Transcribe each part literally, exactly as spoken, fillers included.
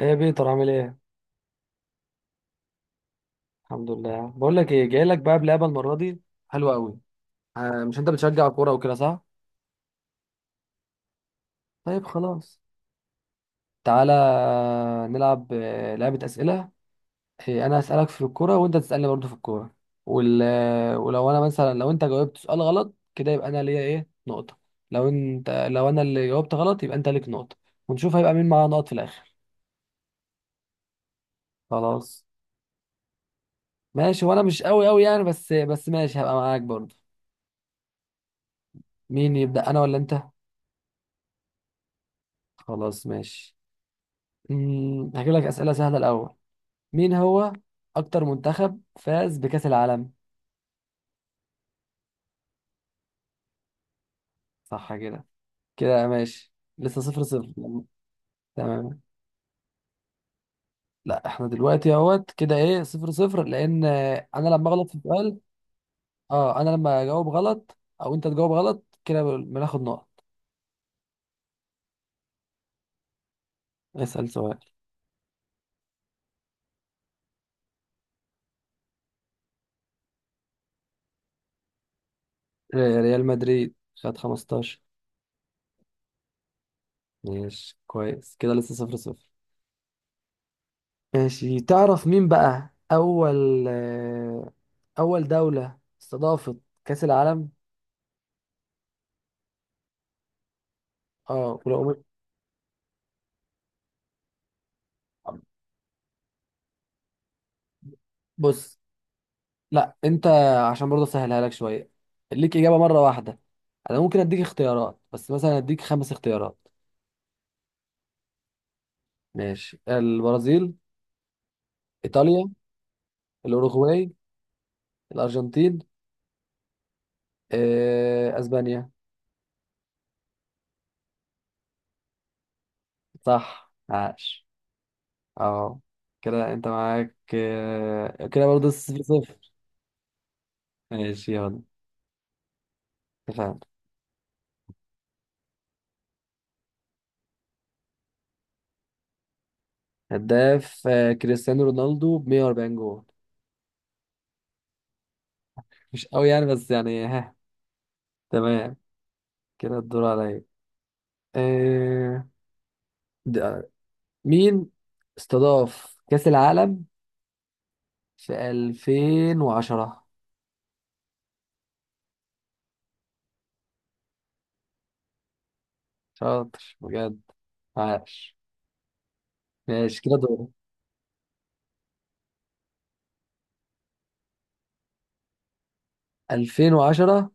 ايه يا بيتر؟ عامل ايه؟ الحمد لله، بقول لك ايه، جاي لك بقى بلعبه المره دي حلوه قوي. آه، مش انت بتشجع كوره وكده، صح؟ طيب خلاص، تعالى نلعب آه، لعبه اسئله. إيه، انا هسالك في الكوره وانت تسالني برضو في الكوره. وال... آه، ولو انا مثلا، لو انت جاوبت سؤال غلط كده يبقى انا ليا ايه، نقطه. لو انت لو انا اللي جاوبت غلط يبقى انت ليك نقطه. ونشوف هيبقى مين معاه نقط في الاخر. خلاص ماشي. وانا مش قوي قوي يعني، بس بس ماشي، هبقى معاك برضو. مين يبدا، انا ولا انت؟ خلاص ماشي. امم هجيب لك أسئلة سهلة الأول. مين هو أكتر منتخب فاز بكأس العالم؟ صح كده، كده ماشي. لسه صفر صفر. تمام. لا احنا دلوقتي اهوت كده ايه، صفر صفر، لأن آه، أنا لما أغلط في السؤال. اه، أنا لما أجاوب غلط أو أنت تجاوب غلط كده بناخد نقط. اسأل سؤال. آه، ريال مدريد خد خمستاشر. ماشي كويس كده، لسه صفر صفر. ماشي، تعرف مين بقى أول آه، أول دولة استضافت كأس العالم؟ اه، ولو قمت. بص، لا انت، عشان برضه اسهلها لك شويه، ليك اجابه مره واحده. انا ممكن اديك اختيارات، بس مثلا اديك خمس اختيارات. ماشي، البرازيل، ايطاليا، الاوروغواي، الارجنتين، آه، اسبانيا. صح، عاش. اه كده انت معاك، آه، كده برضه صفر صفر. ماشي يلا. اتفقنا. هداف آه، كريستيانو رونالدو ب مية واربعين جول. مش قوي يعني، بس يعني، ها. تمام، كده الدور عليا. آه، ده- مين استضاف كأس العالم في ألفين وعشرة؟ شاطر بجد، عاش. ماشي كده، دور. ألفين وعشرة،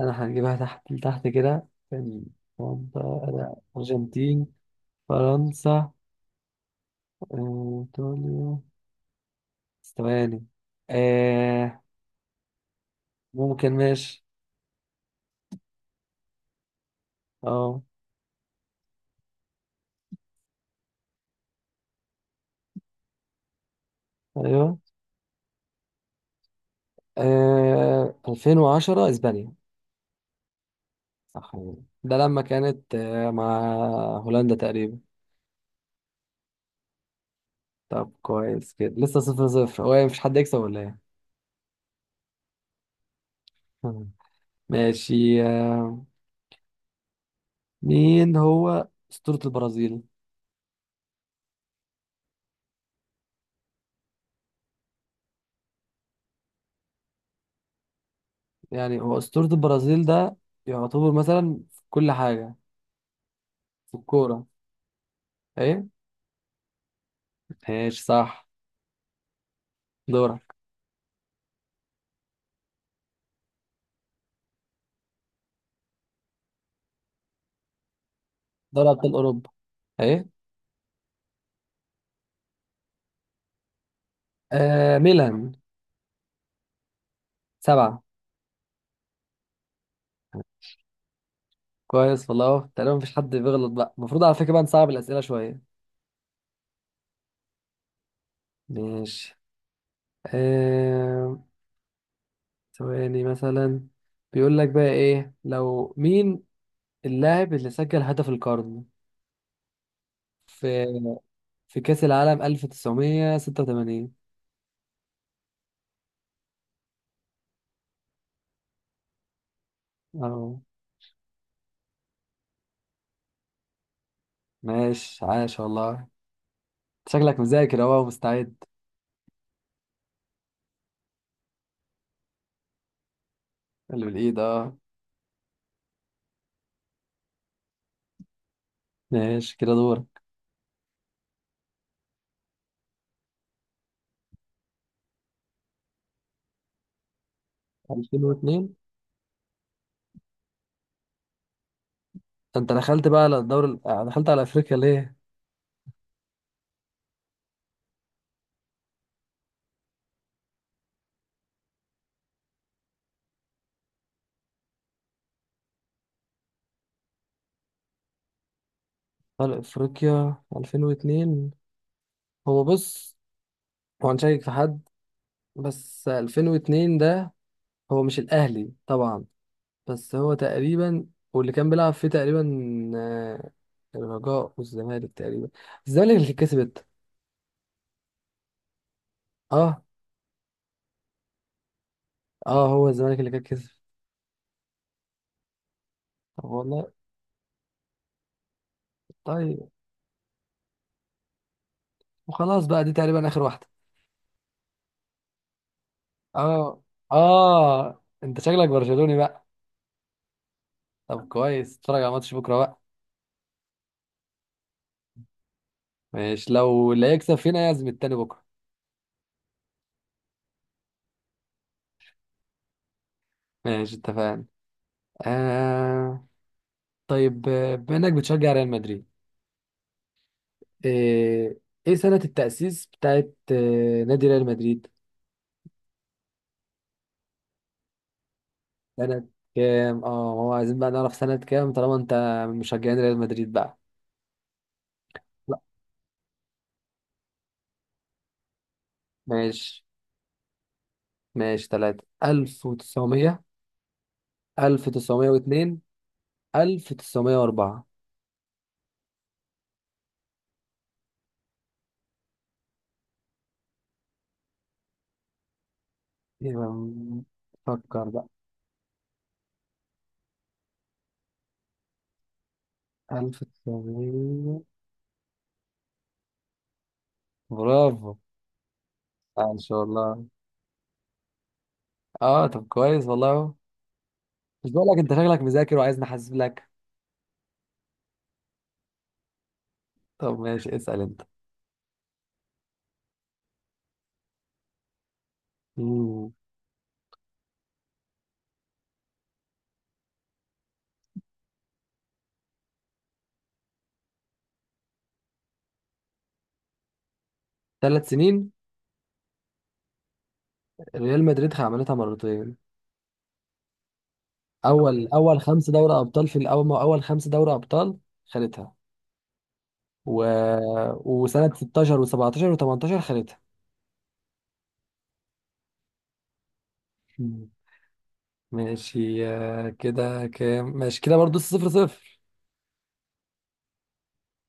انا هنجيبها تحت تحت كده، كان واحدة- أنا، ارجنتين، فرنسا، آه، ايطاليا، بس ثواني. آه ممكن، ماشي. اه، ايوه، آه ألفين وعشرة اسبانيا. صح. ده لما كانت آه، مع هولندا تقريبا. طب كويس كده، لسه صفر صفر. هو إيه، مفيش حد يكسب ولا ايه؟ ماشي، آه، مين هو أسطورة البرازيل؟ يعني هو أسطورة البرازيل ده يعتبر مثلا في كل حاجة، في الكورة، ايه؟ ماشي صح. دورك. دوري أبطال أوروبا، ايه؟ آه ميلان. سبعة. كويس والله، تقريبا مفيش حد بيغلط بقى. المفروض على فكرة بقى نصعب الأسئلة شوية. ماشي. آه ثواني مثلا. بيقول لك بقى ايه، لو مين اللاعب اللي سجل هدف القرن في في كأس العالم ألف وتسعمية وستة وتمانين؟ اه، ماشي، عاش والله. شكلك مذاكر اهو ومستعد. اللي بالايد، اه. ماشي كده، دورك. ألفين واتنين؟ ده انت دخلت بقى على الدوري ال- آه، دخلت على افريقيا ليه؟ على افريقيا ألفين واتنين. هو بص، هو هنشيك في حد. بس ألفين واتنين ده، هو مش الاهلي طبعا، بس هو تقريبا، واللي كان بيلعب فيه تقريبا آه، الرجاء والزمالك تقريبا. الزمالك اللي كسبت. اه. اه، هو الزمالك اللي كان كسب. طب والله. طيب، وخلاص بقى دي تقريبا اخر واحدة. اه. اه، انت شكلك برشلوني بقى. طب كويس، اتفرج على ماتش بكرة بقى. ماشي، لو اللي هيكسب فينا يعزم التاني بكرة. ماشي اتفقنا. آه طيب، آه، بما انك بتشجع ريال مدريد، آه، ايه سنة التأسيس بتاعت آه، نادي ريال مدريد؟ سنة كام؟ اه، هو عايزين بقى نعرف سنة كام طالما انت من مشجعين ريال مدريد بقى. لا، ماشي. ماشي، تلاتة: ألف وتسعمية، ألف وتسعمية واتنين، ألف وتسعمية وأربعة. يبقى، فكر بقى. ألف وتسعمية. برافو. عاش والله. اه، طب كويس والله اهو. مش بقول لك انت شكلك مذاكر وعايز نحاسب لك. طب ماشي، اسأل انت. مم. ثلاث سنين؟ ريال مدريد عملتها مرتين. اول اول خمس دوري ابطال، في الاول اول خمس دوري ابطال خدتها. و... وسنه ستاشر و17 و18 خدتها. مم. ماشي، آه، كده كام؟ ماشي كده برضه صفر صفر.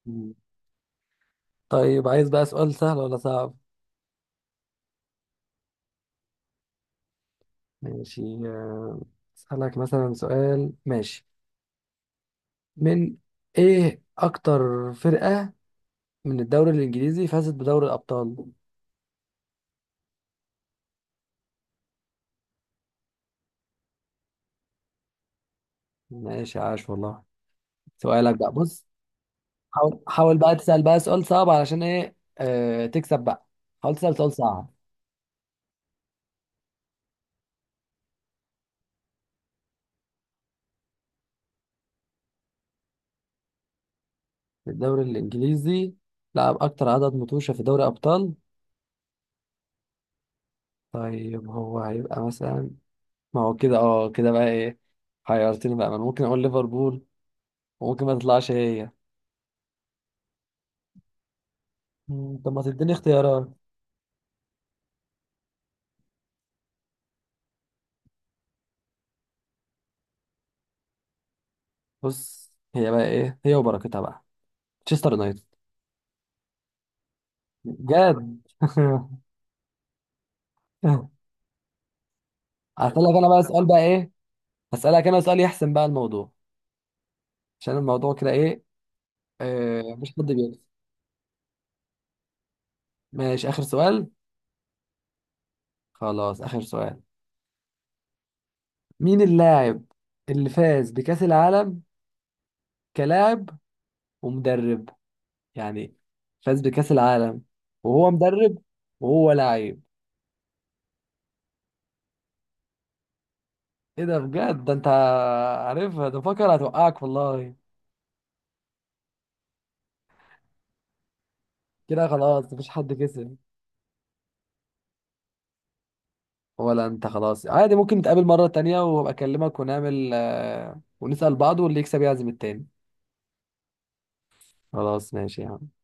مم. طيب، عايز بقى سؤال سهل ولا صعب؟ ماشي. آه، اسالك مثلا سؤال، ماشي. من ايه اكتر فرقه من الدوري الانجليزي فازت بدوري الابطال؟ ماشي، عاش والله. سؤالك بقى، بص. حاول حاول بقى تسأل بقى سؤال صعب، علشان ايه آه تكسب بقى. حاول تسأل سؤال صعب. في الدوري الإنجليزي، لعب أكتر عدد متوشة في دوري أبطال؟ طيب هو هيبقى مثلا، ما هو كده، اه كده بقى ايه، حيرتني بقى. ما أنا ممكن أقول ليفربول، وممكن ما تطلعش هي. مم، طب ما تديني اختيارات. بص، هي بقى ايه، هي وبركتها بقى. تشستر يونايتد. جد. هسألك أنا بقى سؤال بقى، ايه، هسألك أنا سؤال يحسم بقى الموضوع. عشان الموضوع كده، ايه، آه مش حد بيكسب. ماشي، آخر سؤال. خلاص، آخر سؤال. مين اللاعب اللي فاز بكأس العالم كلاعب ومدرب، يعني فاز بكأس العالم وهو مدرب وهو لعيب؟ ايه ده بجد، ده انت عارفها، ده فكر هتوقعك والله. كده خلاص، مفيش حد كسب. ولا انت، خلاص، عادي. ممكن نتقابل مرة تانية وابقى اكلمك ونعمل آه، ونسأل بعض، واللي يكسب يعزم التاني. خلاص ماشي يا عم.